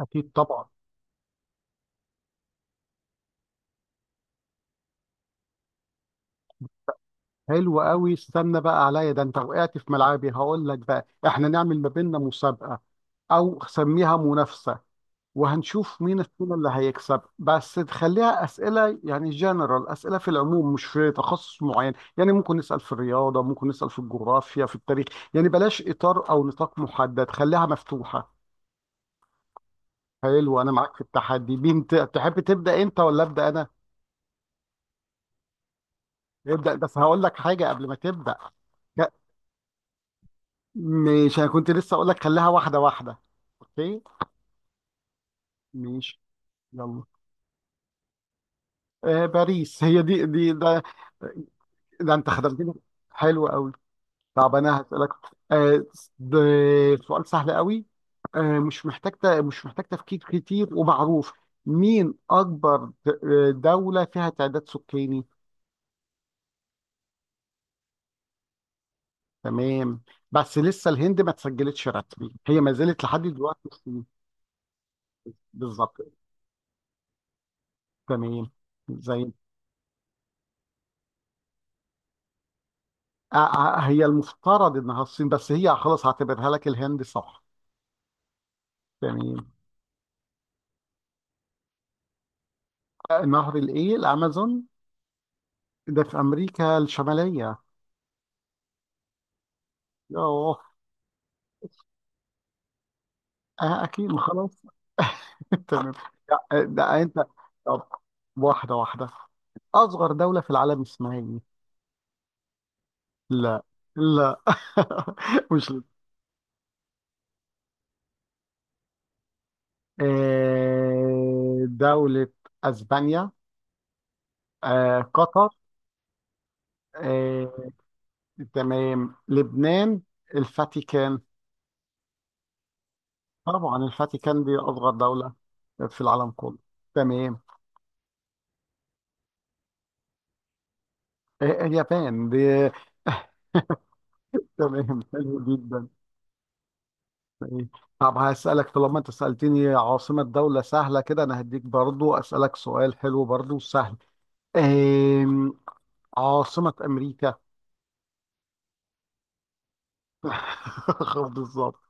اكيد طبعا. حلو قوي، استنى بقى عليا، ده انت وقعت في ملعبي. هقول لك بقى، احنا نعمل ما بيننا مسابقه او سميها منافسه، وهنشوف مين فينا اللي هيكسب. بس تخليها اسئله يعني جنرال، اسئله في العموم مش في تخصص معين. يعني ممكن نسال في الرياضه، ممكن نسال في الجغرافيا، في التاريخ. يعني بلاش اطار او نطاق محدد، خليها مفتوحه. حلو، انا معاك في التحدي. مين تحب تبدا، انت ولا ابدا انا؟ ابدا، بس هقول لك حاجه قبل ما تبدا. مش انا كنت لسه اقول لك خليها واحده واحده؟ اوكي، ماشي يلا. باريس، هي دي ده. ده انت خدمتني، حلو قوي. طب انا هسالك. آه ده سؤال سهل قوي. مش محتاج مش محتاج تفكير كتير، ومعروف. مين اكبر دوله فيها تعداد سكاني؟ تمام. بس لسه الهند ما تسجلتش رسمي، هي ما زالت لحد دلوقتي مسلمة. بالظبط. تمام. زي آه، آه، هي المفترض انها الصين، بس هي خلاص هعتبرها لك الهند، صح. تمام. نهر الامازون، ده في امريكا الشماليه. اه. اكيد، ما خلاص. تمام. لا، ده انت. طب، واحده واحده. اصغر دوله في العالم اسمها ايه؟ لا، لا. مش ل- آه، دوله اسبانيا. قطر. آه، تمام، لبنان. الفاتيكان. طبعا الفاتيكان دي أصغر دولة في العالم كله. تمام. إيه- إيه، اليابان دي. تمام، حلو جدا. إيه. طب هسألك، طالما أنت سألتني عاصمة دولة سهلة كده، أنا هديك برضو أسألك سؤال حلو برضو سهل. أم... عاصمة أمريكا. بالظبط.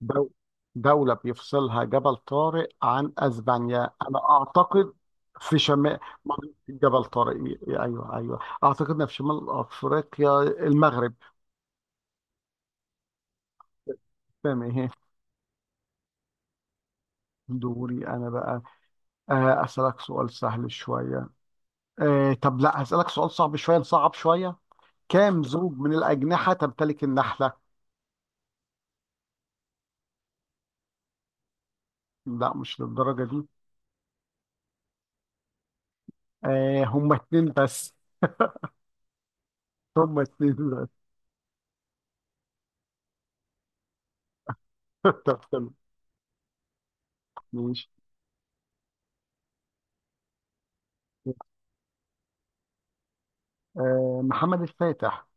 دو- دولة بيفصلها جبل طارق عن أسبانيا. أنا أعتقد في شمال جبل طارق. أيوه أيوه، أعتقد إنها في شمال أفريقيا، المغرب. تمام، إيه. دوري أنا بقى. أسألك سؤال سهل شوية. طب لا، هسألك سؤال صعب شوية، نصعب شوية. كام زوج من الأجنحة تمتلك النحلة؟ لا، مش للدرجة دي. هما اتنين بس. هما اتنين بس. طب تمام، ماشي. محمد الفاتح.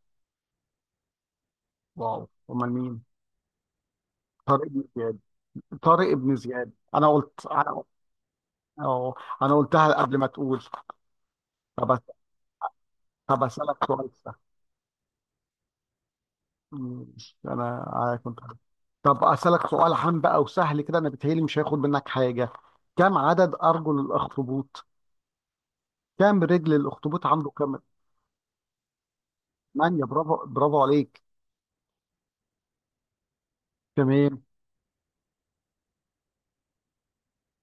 واو، امال مين؟ طارق بن زياد. طارق بن زياد، انا قلت انا. اه، انا قلتها قبل ما تقول. طب أس- طب اسالك سؤال سهل. انا كنت. طب اسالك سؤال عام بقى وسهل كده، انا بتهيألي مش هياخد منك حاجه. كم عدد ارجل الاخطبوط؟ كم رجل الاخطبوط، عنده كم؟ ثمانية، برافو برافو عليك. تمام.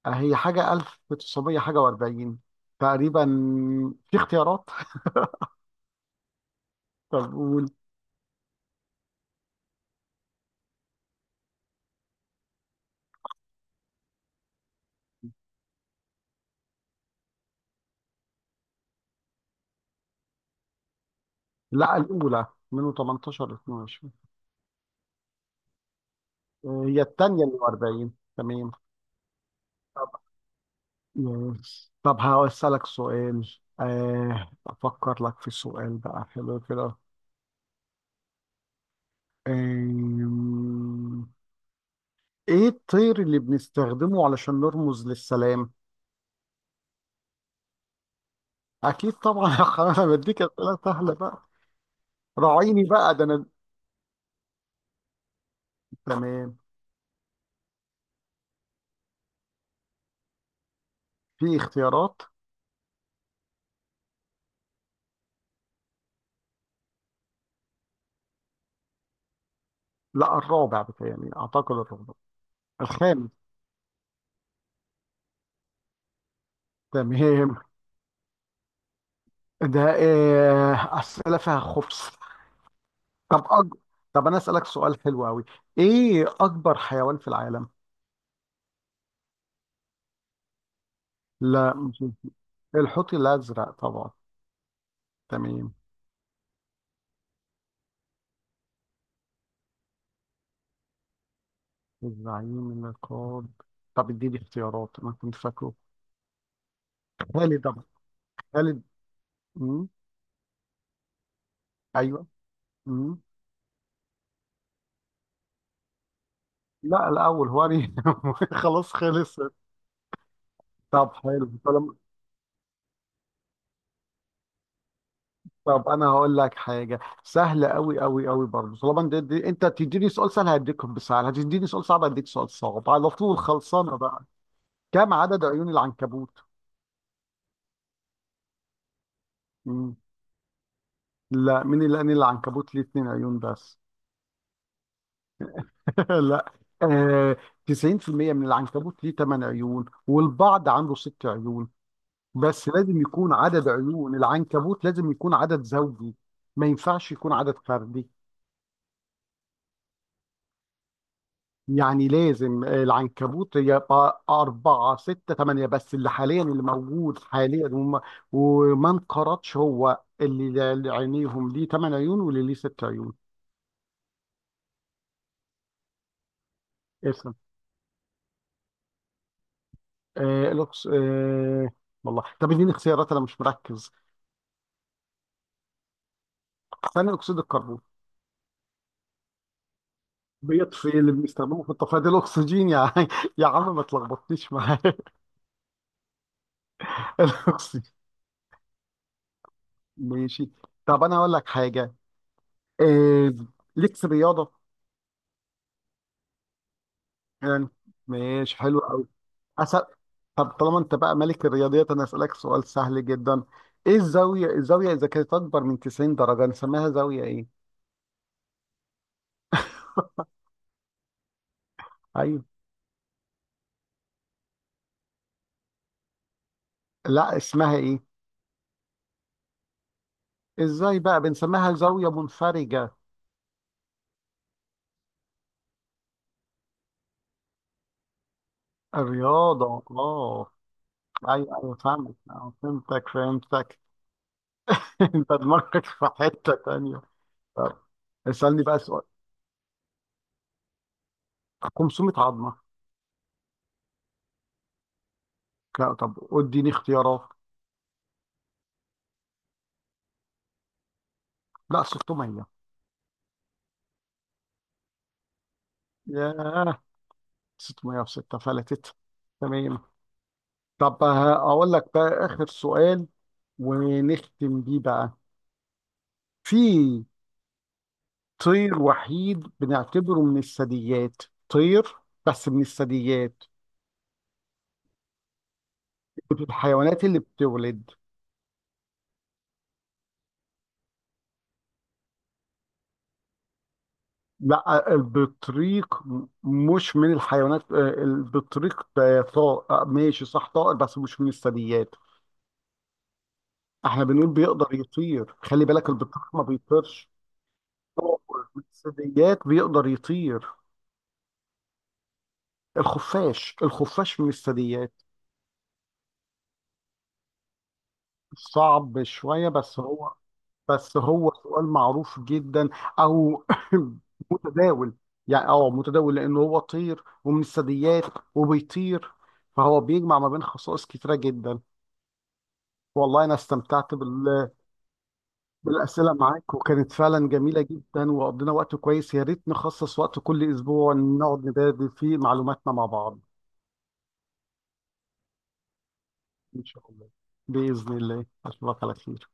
هي حاجه 1900 حاجه و40 تقريبا. في اختيارات. طب قول. لا، الاولى من 18 ل 22. هي التانية اللي 40. تمام. طب. مم. طب هسألك سؤال. أفكر لك في سؤال بقى حلو كده. آم، إيه الطير اللي بنستخدمه علشان نرمز للسلام؟ أكيد طبعا. يا حرام، أنا بديك أسئلة سهلة بقى. راعيني بقى، ده أنا. تمام. في اختيارات. لا، الرابع، بتاعي أعتقد الرابع. الخامس. تمام. ده أسئلة فيها خبز. طب أج... طب انا اسالك سؤال حلو قوي. ايه اكبر حيوان في العالم؟ لا، مش. الحوت الازرق طبعا. تمام. الزعيم النقاد. طب اديني اختيارات، انا كنت فاكره. خالد طبعا، خالد. مم. ايوه. مم. لا الاول، خلاص خلص. طب حلو، طالما. طب انا هقول لك حاجه سهله قوي قوي قوي برضه. طالما انت تديني سؤال سهل هديك بسهل، هتديني سؤال صعب هديك سؤال صعب، على طول خلصانه بقى. كم عدد عيون العنكبوت؟ مم. لا، مين اللي قال إن العنكبوت ليه اتنين عيون بس؟ لا. آه، 90% من العنكبوت ليه تمن عيون، والبعض عنده ست عيون. بس لازم يكون عدد عيون العنكبوت، لازم يكون عدد زوجي. ما ينفعش يكون عدد فردي. يعني لازم العنكبوت يبقى أربعة، ستة، تمانية. بس اللي موجود حاليا وما انقرضش، هو اللي عينيهم ليه تمن عيون واللي ليه ست عيون. آه الأكس... آه والله طب اديني اختيارات، انا مش مركز. ثاني اكسيد الكربون بيطفي، اللي بنستخدمه في الطفايه ده الاكسجين يا عم. يا عم ما تلخبطنيش معايا. الاكسجين. ماشي. طب انا هقول لك حاجه. آه ليك في الرياضه، يعني. ماشي حلو قوي. أسأل... طب طالما انت بقى ملك الرياضيات، انا اسالك سؤال سهل جدا. ايه الزاويه اذا كانت اكبر من 90 درجه، نسميها زاويه ايه؟ ايوه. لا، اسمها ايه؟ ازاي بقى، بنسميها زاويه منفرجه. الرياضة، اه. ايوه ايوه فهمتك، فهمتك، فهمتك. انت دماغك في حتة تانية. طب اسألني بقى سؤال. 500 عظمة. لا. طب اديني اختيارات. لا، 600. ياه، 600 في 6 فلتت. تمام. اقول لك بقى اخر سؤال ونختم بيه بقى. في طير وحيد بنعتبره من الثدييات. طير، بس من الثدييات. من الحيوانات اللي بتولد. لا، البطريق مش من الحيوانات. البطريق ده طائر، ماشي، صح، طائر، بس مش من الثدييات. احنا بنقول بيقدر يطير، خلي بالك البطريق ما بيطيرش. طائر من الثدييات بيقدر يطير. الخفاش، الخفاش من الثدييات. صعب شوية، بس هو. بس هو سؤال معروف جدا، او متداول. يعني متداول، لانه هو طير ومن الثدييات وبيطير، فهو بيجمع ما بين خصائص كتيرة جدا. والله أنا استمتعت بالأسئلة معاك، وكانت فعلا جميلة جدا، وقضينا وقت كويس. يا ريت نخصص وقت كل أسبوع نقعد نبادل فيه معلوماتنا مع بعض. إن شاء الله، بإذن الله، أشوفك على خير.